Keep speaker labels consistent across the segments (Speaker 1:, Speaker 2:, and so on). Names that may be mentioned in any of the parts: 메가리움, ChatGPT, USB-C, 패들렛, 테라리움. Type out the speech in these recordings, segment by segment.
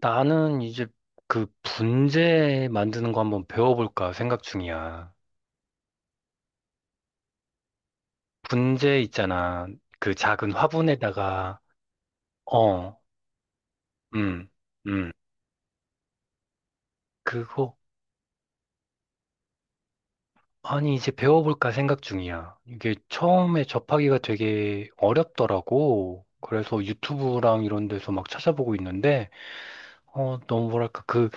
Speaker 1: 나는 이제 그 분재 만드는 거 한번 배워볼까 생각 중이야. 분재 있잖아. 그 작은 화분에다가, 어, 음, 음. 그거, 아니, 이제 배워볼까 생각 중이야. 이게 처음에 접하기가 되게 어렵더라고. 그래서 유튜브랑 이런 데서 막 찾아보고 있는데, 너무 뭐랄까, 그,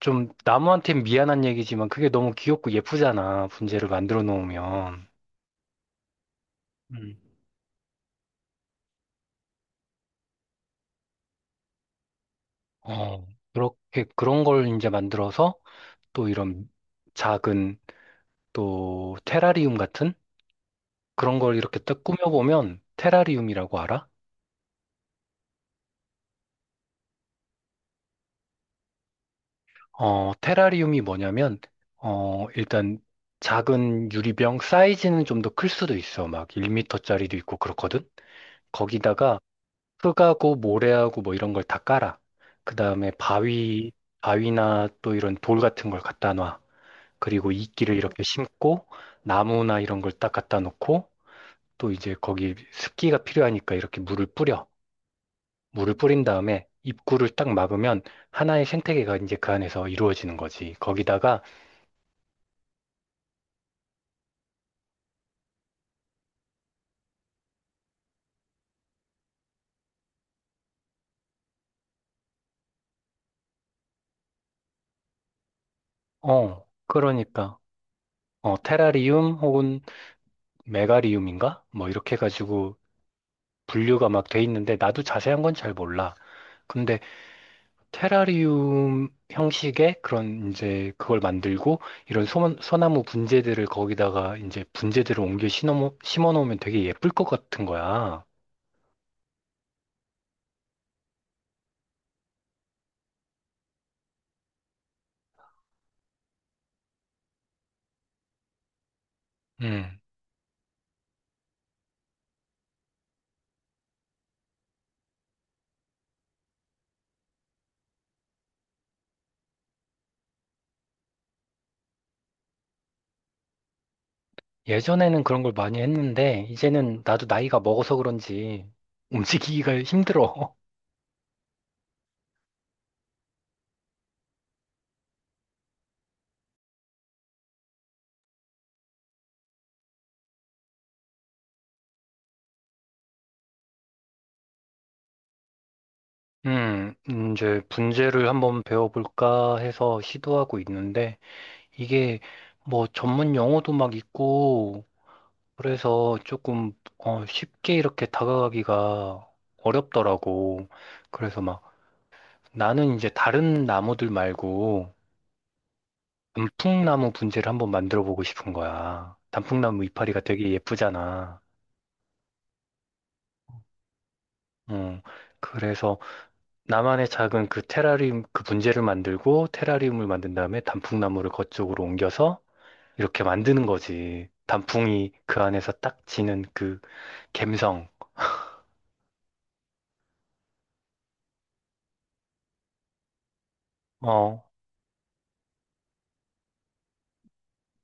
Speaker 1: 좀, 나무한테 미안한 얘기지만 그게 너무 귀엽고 예쁘잖아. 분재를 만들어 놓으면. 음. 어, 그렇게 그런 걸 이제 만들어서 또 이런 작은 또 테라리움 같은 그런 걸 이렇게 딱 꾸며보면 테라리움이라고 알아? 테라리움이 뭐냐면 일단 작은 유리병 사이즈는 좀 더 클 수도 있어. 막 1미터짜리도 있고 그렇거든. 거기다가 흙하고 모래하고 뭐 이런 걸 다 깔아. 그다음에 바위나 또 이런 돌 같은 걸 갖다 놔. 그리고 이끼를 이렇게 심고 나무나 이런 걸 딱 갖다 놓고 또 이제 거기 습기가 필요하니까 이렇게 물을 뿌려. 물을 뿌린 다음에 입구를 딱 막으면 하나의 생태계가 이제 그 안에서 이루어지는 거지. 거기다가 그러니까 테라리움 혹은 메가리움인가? 뭐 이렇게 해가지고 분류가 막 돼 있는데 나도 자세한 건 잘 몰라. 근데 테라리움 형식의 그런 이제 그걸 만들고 이런 소나무 분재들을 거기다가 이제 분재들을 옮겨 심어 놓으면 되게 예쁠 것 같은 거야. 음. 예전에는 그런 걸 많이 했는데 이제는 나도 나이가 먹어서 그런지 움직이기가 힘들어. 음, 이제 분재를 한번 배워볼까 해서 시도하고 있는데 이게 뭐 전문 용어도 막 있고 그래서 조금 쉽게 이렇게 다가가기가 어렵더라고. 그래서 막 나는 이제 다른 나무들 말고 단풍나무 분재를 한번 만들어 보고 싶은 거야. 단풍나무 이파리가 되게 예쁘잖아. 음, 그래서 나만의 작은 그 테라리움 그 분재를 만들고 테라리움을 만든 다음에 단풍나무를 거쪽으로 옮겨서 이렇게 만드는 거지. 단풍이 그 안에서 딱 지는 그 감성. 어,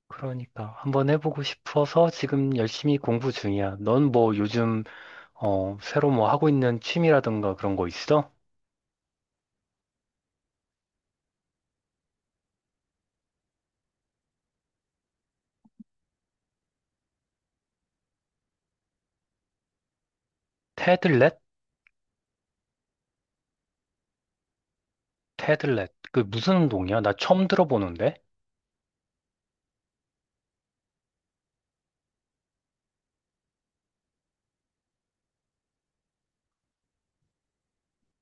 Speaker 1: 그러니까 한번 해보고 싶어서 지금 열심히 공부 중이야. 넌 뭐 요즘 새로 뭐 하고 있는 취미라든가 그런 거 있어? 테들렛? 테들렛. 그 무슨 운동이야? 나 처음 들어보는데.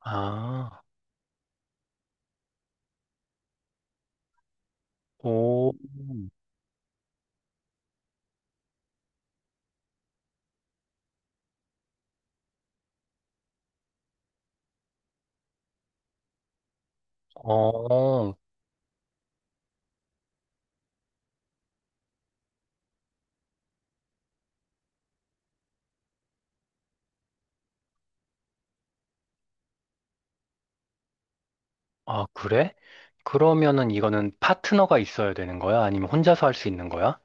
Speaker 1: 아, 오, 어, 아, 그래? 그러면은 이거는 파트너가 있어야 되는 거야? 아니면 혼자서 할 수 있는 거야?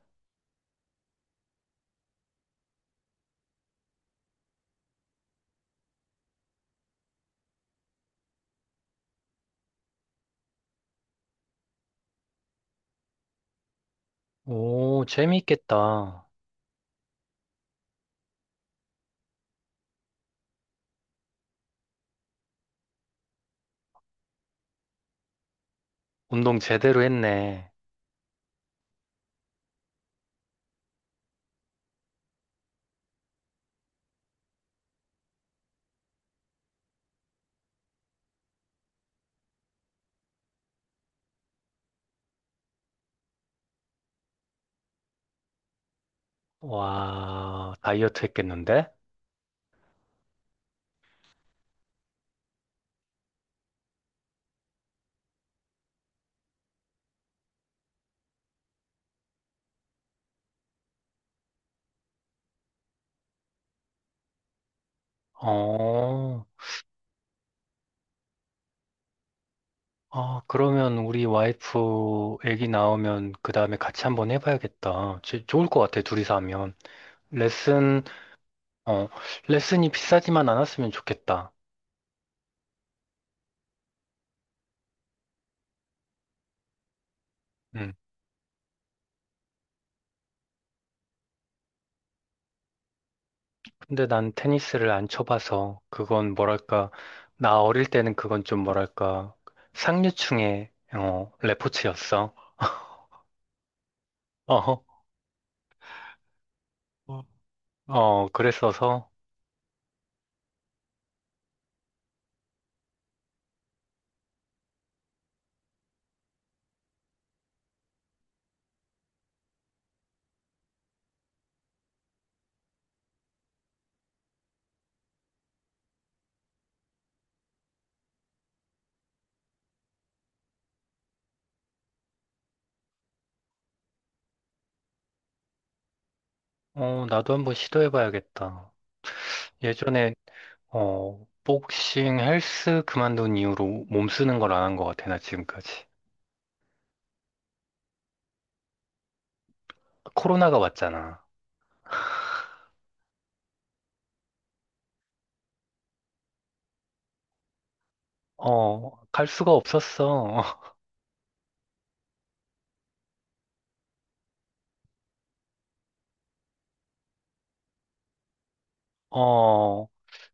Speaker 1: 오, 재미있겠다. 운동 제대로 했네. 와, 다이어트 했겠는데? 어. 아, 그러면 우리 와이프 애기 나오면 그 다음에 같이 한번 해봐야겠다. 좋을 것 같아, 둘이서 하면. 레슨, 어, 레슨이 비싸지만 않았으면 좋겠다. 음. 근데 난 테니스를 안 쳐봐서 그건 뭐랄까, 나 어릴 때는 그건 좀 뭐랄까, 상류층의, 레포츠였어. 어허. 어, 그랬어서, 나도 한번 시도해봐야겠다. 예전에 복싱 헬스 그만둔 이후로 몸 쓰는 걸 안 한 것 같아, 나 지금까지. 코로나가 왔잖아. 어, 갈 수가 없었어. 어,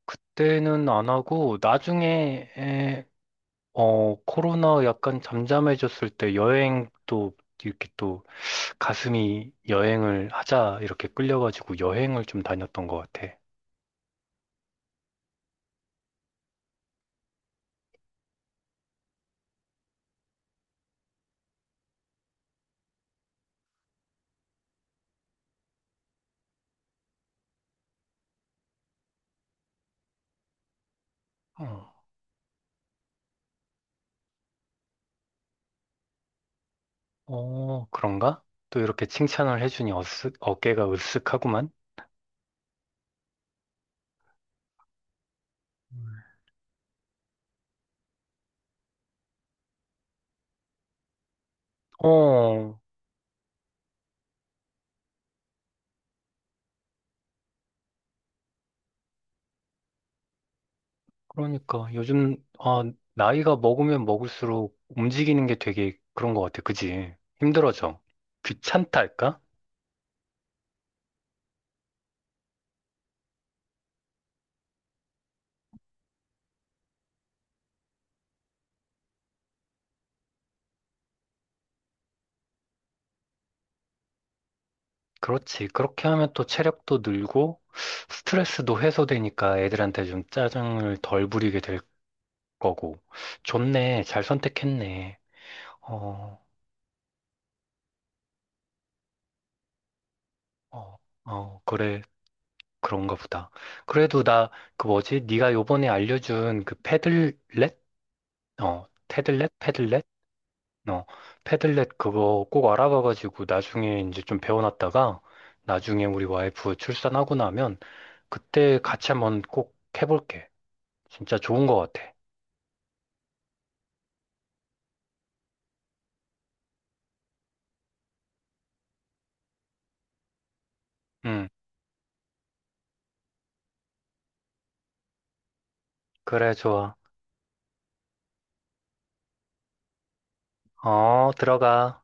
Speaker 1: 그때는 안 하고, 나중에, 코로나 약간 잠잠해졌을 때 여행도 이렇게 또 가슴이 여행을 하자 이렇게 끌려가지고 여행을 좀 다녔던 것 같아. 어, 어, 그런가? 또 이렇게 칭찬을 해주니 어깨가 으쓱하구만. 음. 어, 그러니까 요즘 나이가 먹으면 먹을수록 움직이는 게 되게 그런 것 같아. 그지? 힘들어져. 귀찮다 할까? 그렇지. 그렇게 하면 또 체력도 늘고 스트레스도 해소되니까 애들한테 좀 짜증을 덜 부리게 될 거고. 좋네. 잘 선택했네. 어, 어, 어, 그래. 그런가 보다. 그래도 나 그 뭐지? 네가 요번에 알려준 그 패들렛? 어, 테들렛? 패들렛? 어, 패들렛 그거 꼭 알아봐가지고 나중에 이제 좀 배워놨다가 나중에 우리 와이프 출산하고 나면 그때 같이 한번 꼭 해볼게. 진짜 좋은 것 같아. 응, 그래, 좋아. 어, 들어가.